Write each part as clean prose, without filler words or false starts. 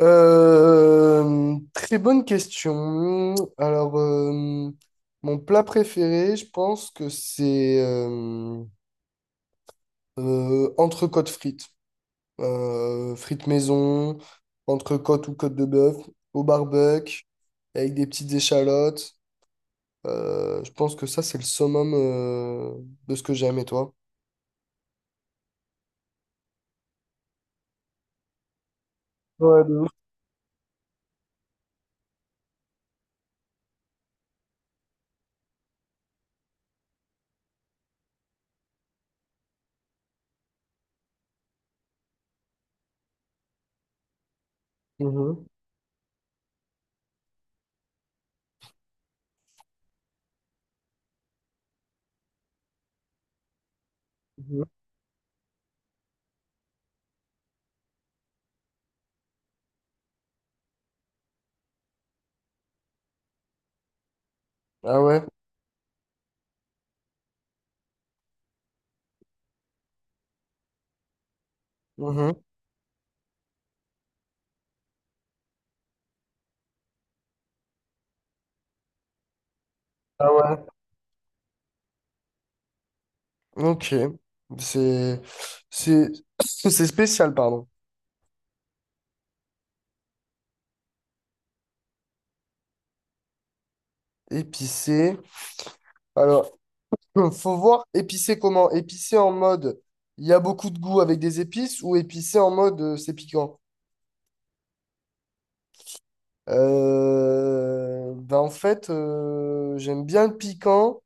Très bonne question. Alors, mon plat préféré, je pense que c'est entrecôte frites. Frites maison, entrecôte ou côte de bœuf, au barbecue, avec des petites échalotes. Je pense que ça, c'est le summum de ce que j'aime, et toi? Ouais, de ouf. Mhm. Mhm. Ah ouais? Mhm. Ah ouais. Ok. C'est c'est c'est spécial, pardon. Épicé. Alors, faut voir épicé comment? Épicé en mode il y a beaucoup de goût avec des épices ou épicé en mode c'est piquant? Ben en fait, j'aime bien le piquant,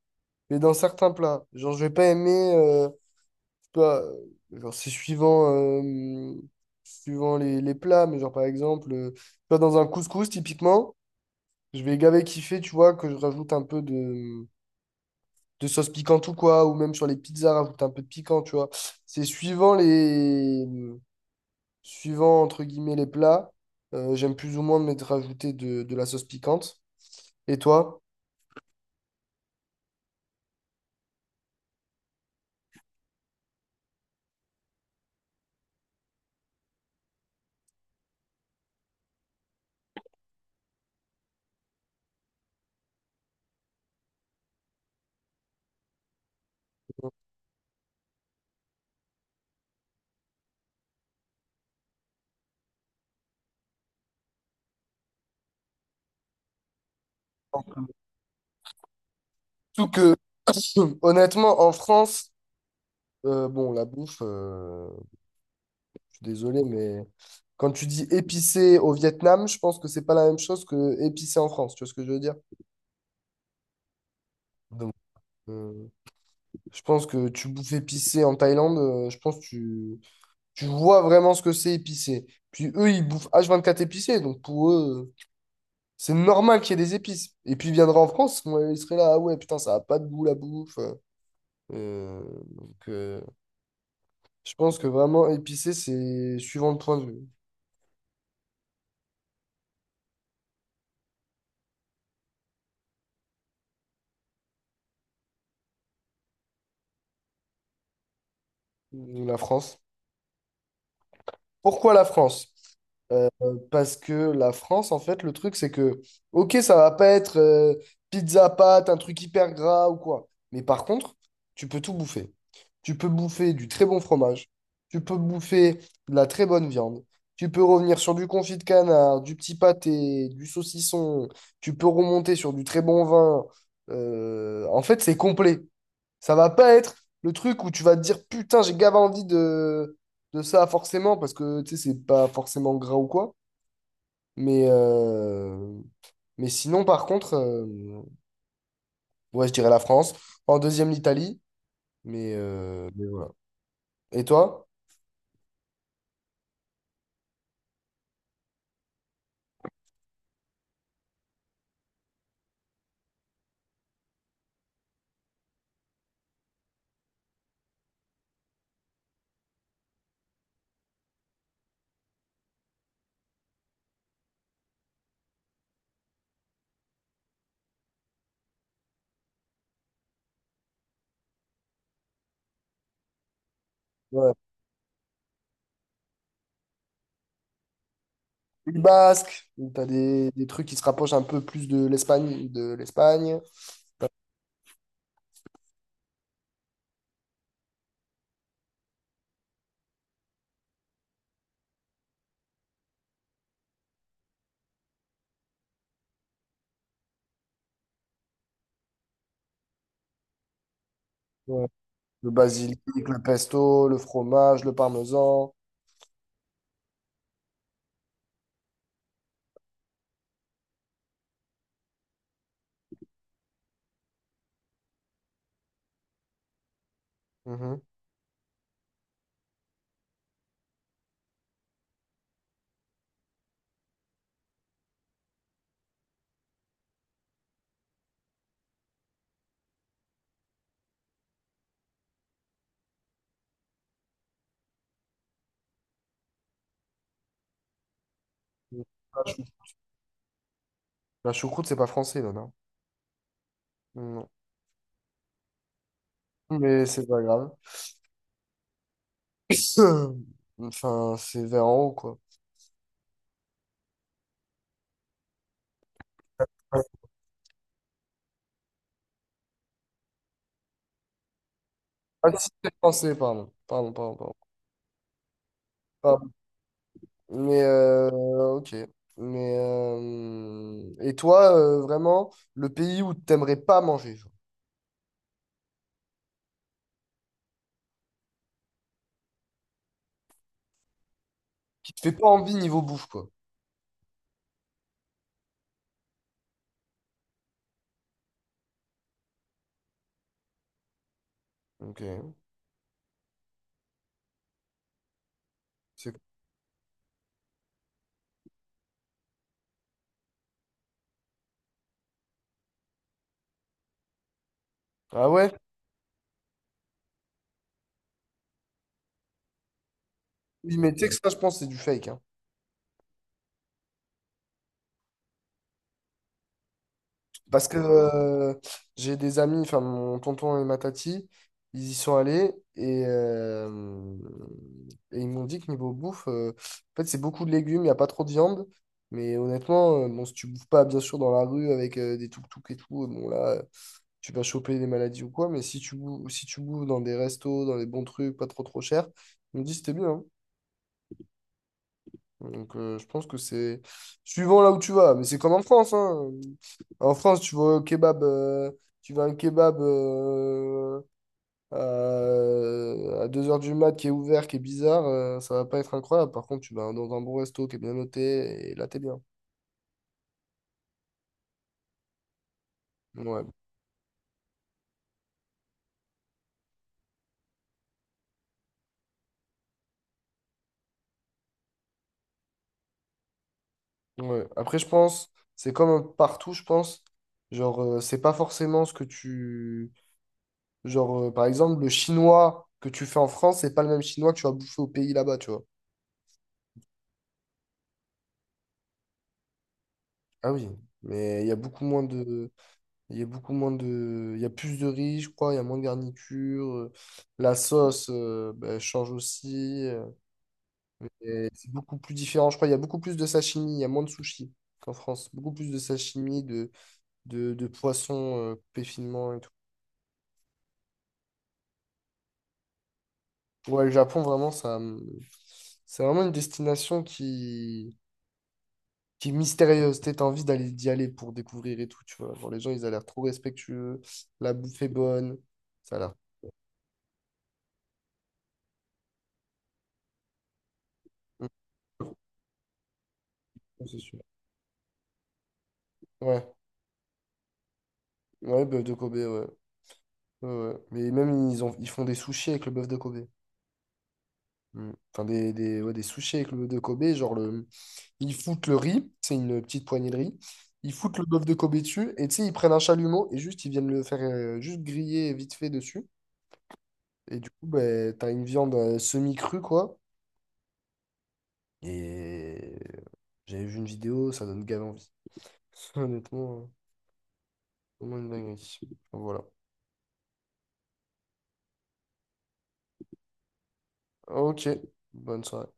mais dans certains plats. Genre, je vais pas aimer. Je sais pas, genre, c'est suivant, euh, suivant les plats, mais genre par exemple, tu vois, dans un couscous, typiquement, je vais gaver kiffer, tu vois, que je rajoute un peu de sauce piquante ou quoi, ou même sur les pizzas, rajouter un peu de piquant, tu vois. C'est suivant les... suivant, entre guillemets, les plats, j'aime plus ou moins mettre rajouter de la sauce piquante. Et toi? Surtout que, honnêtement, en France, bon, la bouffe, je suis désolé, mais quand tu dis épicé au Vietnam, je pense que c'est pas la même chose que épicé en France, tu vois ce que je veux dire? Donc, euh, je pense que tu bouffes épicé en Thaïlande, je pense que tu vois vraiment ce que c'est épicé. Puis eux, ils bouffent H24 épicé, donc pour eux, c'est normal qu'il y ait des épices. Et puis ils viendraient en France, moi, ils seraient là, ah ouais, putain, ça a pas de goût la bouffe. Euh, donc je pense que vraiment épicé, c'est suivant le point de vue. La France. Pourquoi la France? Euh, Parce que la France, en fait, le truc, c'est que, ok, ça va pas être pizza pâte, un truc hyper gras ou quoi. Mais par contre, tu peux tout bouffer. Tu peux bouffer du très bon fromage. Tu peux bouffer de la très bonne viande. Tu peux revenir sur du confit de canard, du petit pâté, du saucisson. Tu peux remonter sur du très bon vin. En fait, c'est complet. Ça va pas être le truc où tu vas te dire putain, j'ai grave envie de ça forcément parce que tu sais, c'est pas forcément gras ou quoi. Mais, euh, mais sinon, par contre, ouais, je dirais la France. En deuxième, l'Italie. Mais voilà. Et toi? Ouais. Pays Basque. T'as des trucs qui se rapprochent un peu plus de l'Espagne, de l'Espagne. Ouais. Le basilic, le pesto, le fromage, le parmesan. Mhm. La chou- la choucroute, c'est pas français, là, non? Non. Mais c'est pas grave. Enfin, c'est vers en haut, quoi. Ah, si, c'est français, pardon. Pardon, pardon, pardon. Pardon. Mais, euh, ok. Et toi, vraiment, le pays où t'aimerais pas manger, genre, qui te fait pas envie niveau bouffe, quoi. Ok. C'est- Ah ouais? Oui, mais tu sais que ça, je pense, c'est du fake, hein. Parce que j'ai des amis, enfin mon tonton et ma tati, ils y sont allés et ils m'ont dit que niveau bouffe, en fait c'est beaucoup de légumes, il n'y a pas trop de viande. Mais honnêtement, bon, si tu bouffes pas bien sûr dans la rue avec des tuk-tuk et tout, bon là, tu vas choper des maladies ou quoi. Mais si tu bouffes, si tu bouffes dans des restos, dans des bons trucs, pas trop trop cher, ils me disent que c'était bien. Hein. Donc je pense que c'est suivant là où tu vas. Mais c'est comme en France, hein. En France, tu vas au kebab, tu vas à un kebab à 2 heures du mat qui est ouvert, qui est bizarre, ça va pas être incroyable. Par contre, tu vas dans un bon resto qui est bien noté et là, t'es bien. Ouais. Ouais. Après, je pense, c'est comme partout, je pense. Genre, c'est pas forcément ce que tu. Genre, par exemple, le chinois que tu fais en France, c'est pas le même chinois que tu vas bouffer au pays là-bas, tu vois. Ah oui, mais il y a beaucoup moins de. Il y a beaucoup moins de. Il y a plus de riz, je crois, il y a moins de garniture. La sauce bah, change aussi. Et c'est beaucoup plus différent. Je crois il y a beaucoup plus de sashimi, il y a moins de sushi qu'en France. Beaucoup plus de sashimi, de poissons coupés finement et tout. Ouais, le Japon, vraiment, c'est vraiment une destination qui est mystérieuse. T'as envie d'y aller pour découvrir et tout, tu vois. Genre, les gens, ils ont l'air trop respectueux. La bouffe est bonne. Ça a l'air. Mm. C'est sûr. Ouais, ouais, bœuf de Kobe, ouais. Ouais, ouais. Mais même, ils ont, ils font des sushis avec le bœuf de Kobe. Mm. Enfin, des sushis avec le bœuf de Kobe. Genre, le, ils foutent le riz, c'est une petite poignée de riz. Ils foutent le bœuf de Kobe dessus. Et tu sais, ils prennent un chalumeau et juste, ils viennent le faire juste griller vite fait dessus. Et du coup, ben, t'as une viande semi-crue, quoi. Et j'avais vu une vidéo, ça donne grave envie. Honnêtement, vraiment une dinguerie. Voilà. Ok, bonne soirée.